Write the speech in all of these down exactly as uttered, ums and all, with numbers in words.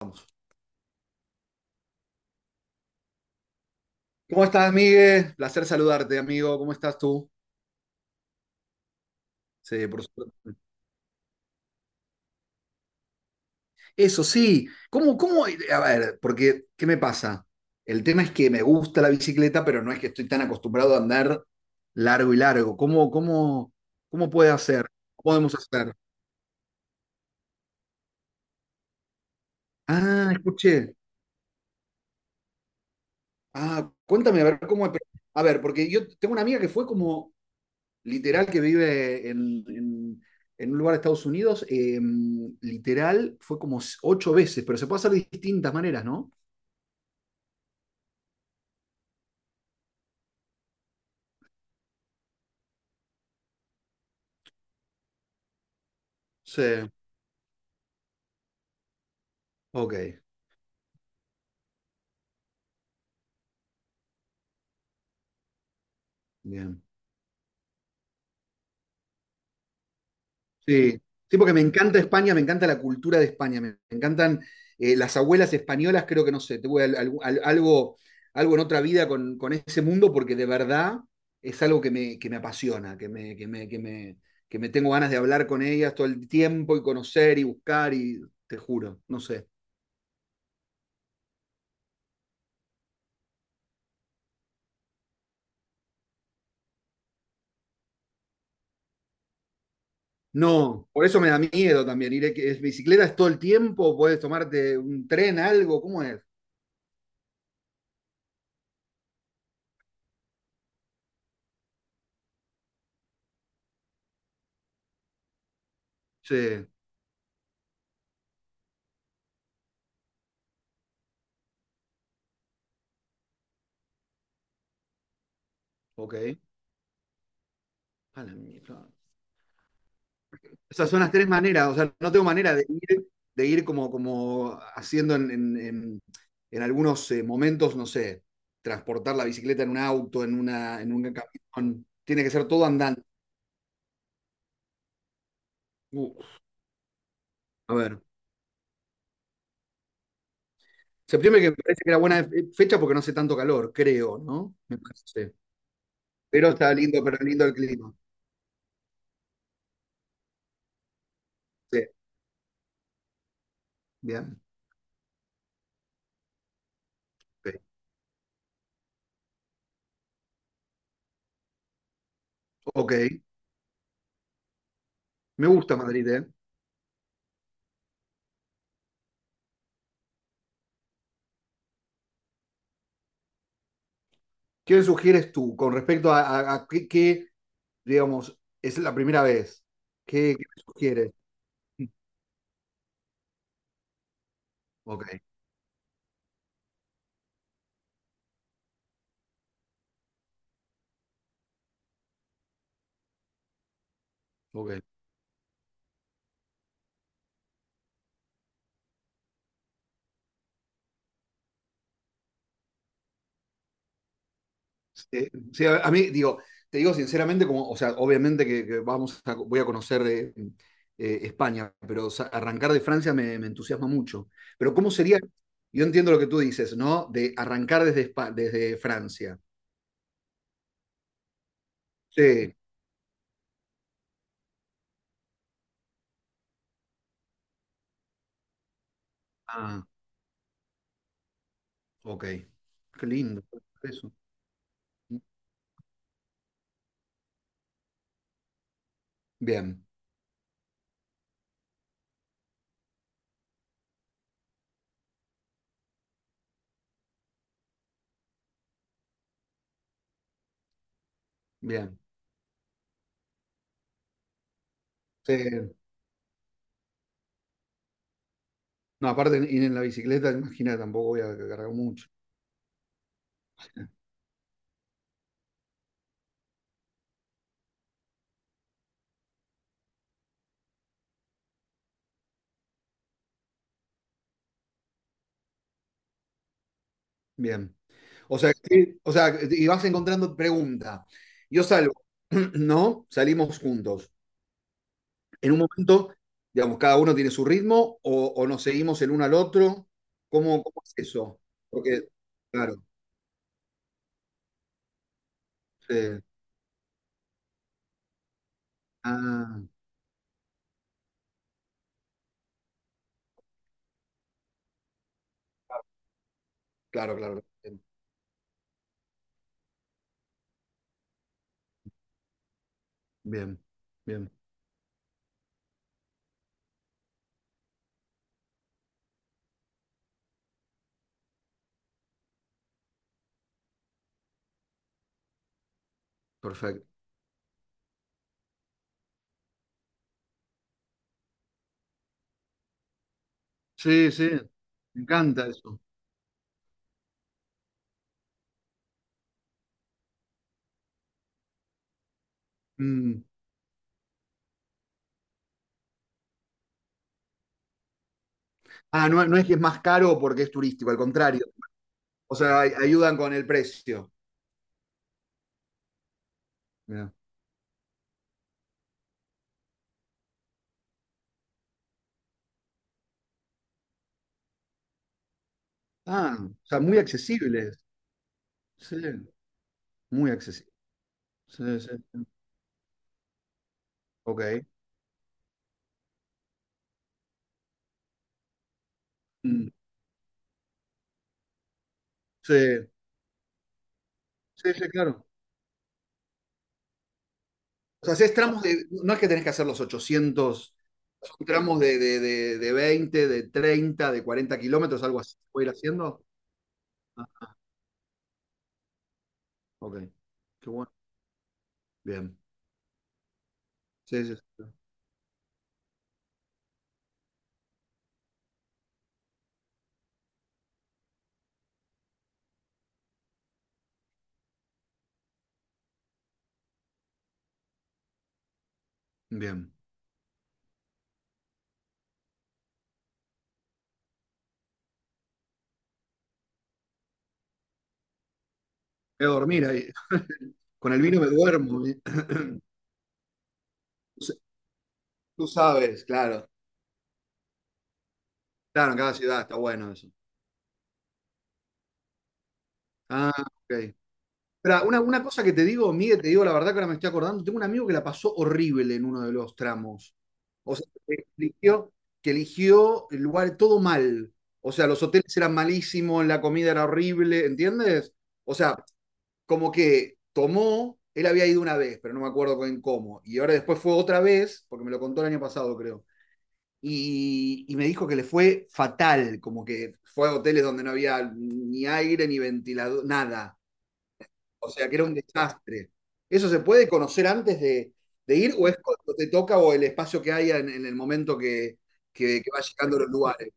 Vamos. ¿Cómo estás, Miguel? Placer saludarte, amigo. ¿Cómo estás tú? Sí, por supuesto. Eso sí. ¿Cómo, cómo? A ver, porque, ¿qué me pasa? El tema es que me gusta la bicicleta, pero no es que estoy tan acostumbrado a andar largo y largo. ¿Cómo, cómo, cómo puede hacer? ¿Cómo podemos hacer? Ah, escuché. Ah, cuéntame, a ver cómo. A ver, porque yo tengo una amiga que fue como literal que vive en, en, en un lugar de Estados Unidos, eh, literal fue como ocho veces, pero se puede hacer de distintas maneras, ¿no? Sí, ok, bien. Sí, sí, porque me encanta España, me encanta la cultura de España, me, me encantan eh, las abuelas españolas, creo que no sé, tuve al- al- al- algo, algo, en otra vida con, con ese mundo porque de verdad es algo que me, que me, apasiona, que me, que me, que me, que me tengo ganas de hablar con ellas todo el tiempo y conocer y buscar y te juro, no sé. No, por eso me da miedo también ir. Es bicicleta es todo el tiempo, puedes tomarte un tren, algo, ¿cómo es? Sí, ok. A la mierda. Esas son las tres maneras, o sea, no tengo manera de ir, de ir, como, como haciendo en, en- en- en algunos eh, momentos, no sé, transportar la bicicleta en un auto, en una, en un camión. Tiene que ser todo andando. Uf, a ver. Septiembre que me parece que era buena fe- fecha porque no hace tanto calor, creo, ¿no? Me parece. Pero está lindo, pero lindo el clima. Sí, bien. Ok. Ok, me gusta Madrid, ¿eh? ¿Qué me sugieres tú con respecto a, a- a qué, qué, digamos, es la primera vez? ¿Qué, qué me sugieres? Ok, ok. Sí, sí, a, a mí, digo, te digo sinceramente, como, o sea, obviamente que, que vamos a- voy a conocer eh, eh, España, pero o sea, arrancar de Francia me, me entusiasma mucho. Pero ¿cómo sería? Yo entiendo lo que tú dices, ¿no? De arrancar desde, Espa- desde Francia. Sí. Ah, ok. Qué lindo. Eso. Bien, bien. Sí. No, aparte ir en la bicicleta, imagina, tampoco voy a cargar mucho. Bien. O sea, sí, o sea, y vas encontrando pregunta. Yo salgo, ¿no? Salimos juntos. En un momento, digamos, cada uno tiene su ritmo o, o nos seguimos el uno al otro. ¿Cómo, cómo es eso? Porque, claro, sí. Ah, claro, claro. Bien, bien, bien, perfecto. Sí, sí, me encanta eso. Mm. Ah, no, no es que es más caro porque es turístico, al contrario. O sea, ay- ayudan con el precio. Mirá. Ah, o sea, muy accesibles. Sí, muy accesibles. Sí, sí, sí. Ok. Mm. Sí, sí, sí, claro. O sea, haces tramos de, no es que tenés que hacer los ochocientos, son tramos de, de, de, de veinte, de treinta, de cuarenta kilómetros, algo así. ¿Puedo ir haciendo? Ah, ok. Qué bueno. Bien. Sí, sí, sí. Bien. Voy a dormir ahí. Con el vino me duermo. ¿Vi? Tú sabes, claro. Claro, en cada ciudad está bueno eso. Ah, ok. Pero una, una cosa que te digo, Miguel, te digo la verdad que ahora me estoy acordando, tengo un amigo que la pasó horrible en uno de los tramos. O sea, que eligió, que eligió el lugar todo mal. O sea, los hoteles eran malísimos, la comida era horrible, ¿entiendes? O sea, como que tomó, él había ido una vez, pero no me acuerdo con cómo. Y ahora después fue otra vez, porque me lo contó el año pasado, creo. Y, y me dijo que le fue fatal, como que fue a hoteles donde no había ni aire, ni ventilador, nada, o sea, que era un desastre. ¿Eso se puede conocer antes de, de ir o es cuando te toca o el espacio que haya en, en el momento que, que, que va llegando a los lugares?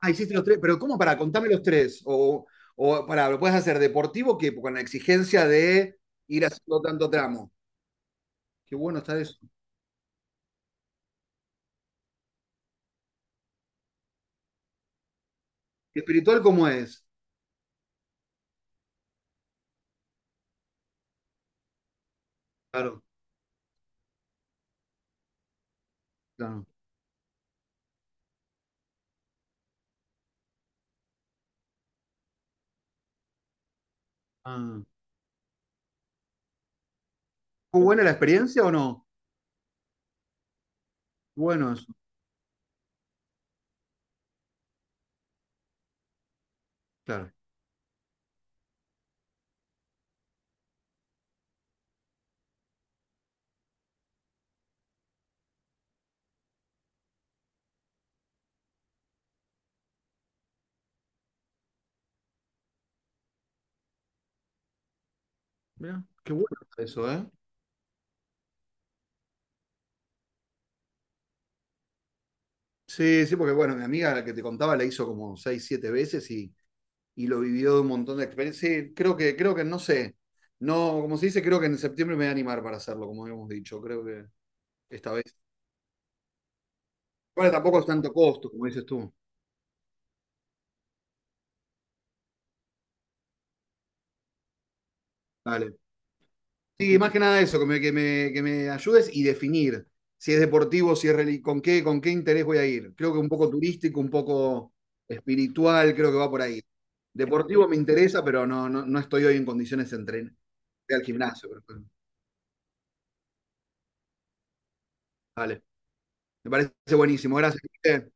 Ah, hiciste los tres, pero ¿cómo para? Contame los tres. O, o para, ¿lo puedes hacer deportivo que con la exigencia de ir haciendo tanto tramo? Qué bueno está eso. ¿Y espiritual cómo es? Claro, claro. Ah. ¿Fue buena la experiencia o no? Bueno, eso, claro. Mirá, qué bueno está eso, ¿eh? Sí, sí, porque bueno, mi amiga la que te contaba la hizo como seis, siete veces y y lo vivió de un montón de experiencias. Sí, creo que, creo que, no sé. No, como se dice, creo que en septiembre me voy a animar para hacerlo, como habíamos dicho. Creo que esta vez. Bueno, tampoco es tanto costo, como dices tú. Dale. Sí, más que nada eso, que me, que me, que me ayudes y definir si es deportivo, si es reli- con qué, con qué interés voy a ir. Creo que un poco turístico, un poco espiritual, creo que va por ahí. Deportivo me interesa, pero no, no, no estoy hoy en condiciones de entrenar. Voy al gimnasio, pero- pero- Vale. Me parece buenísimo. Gracias.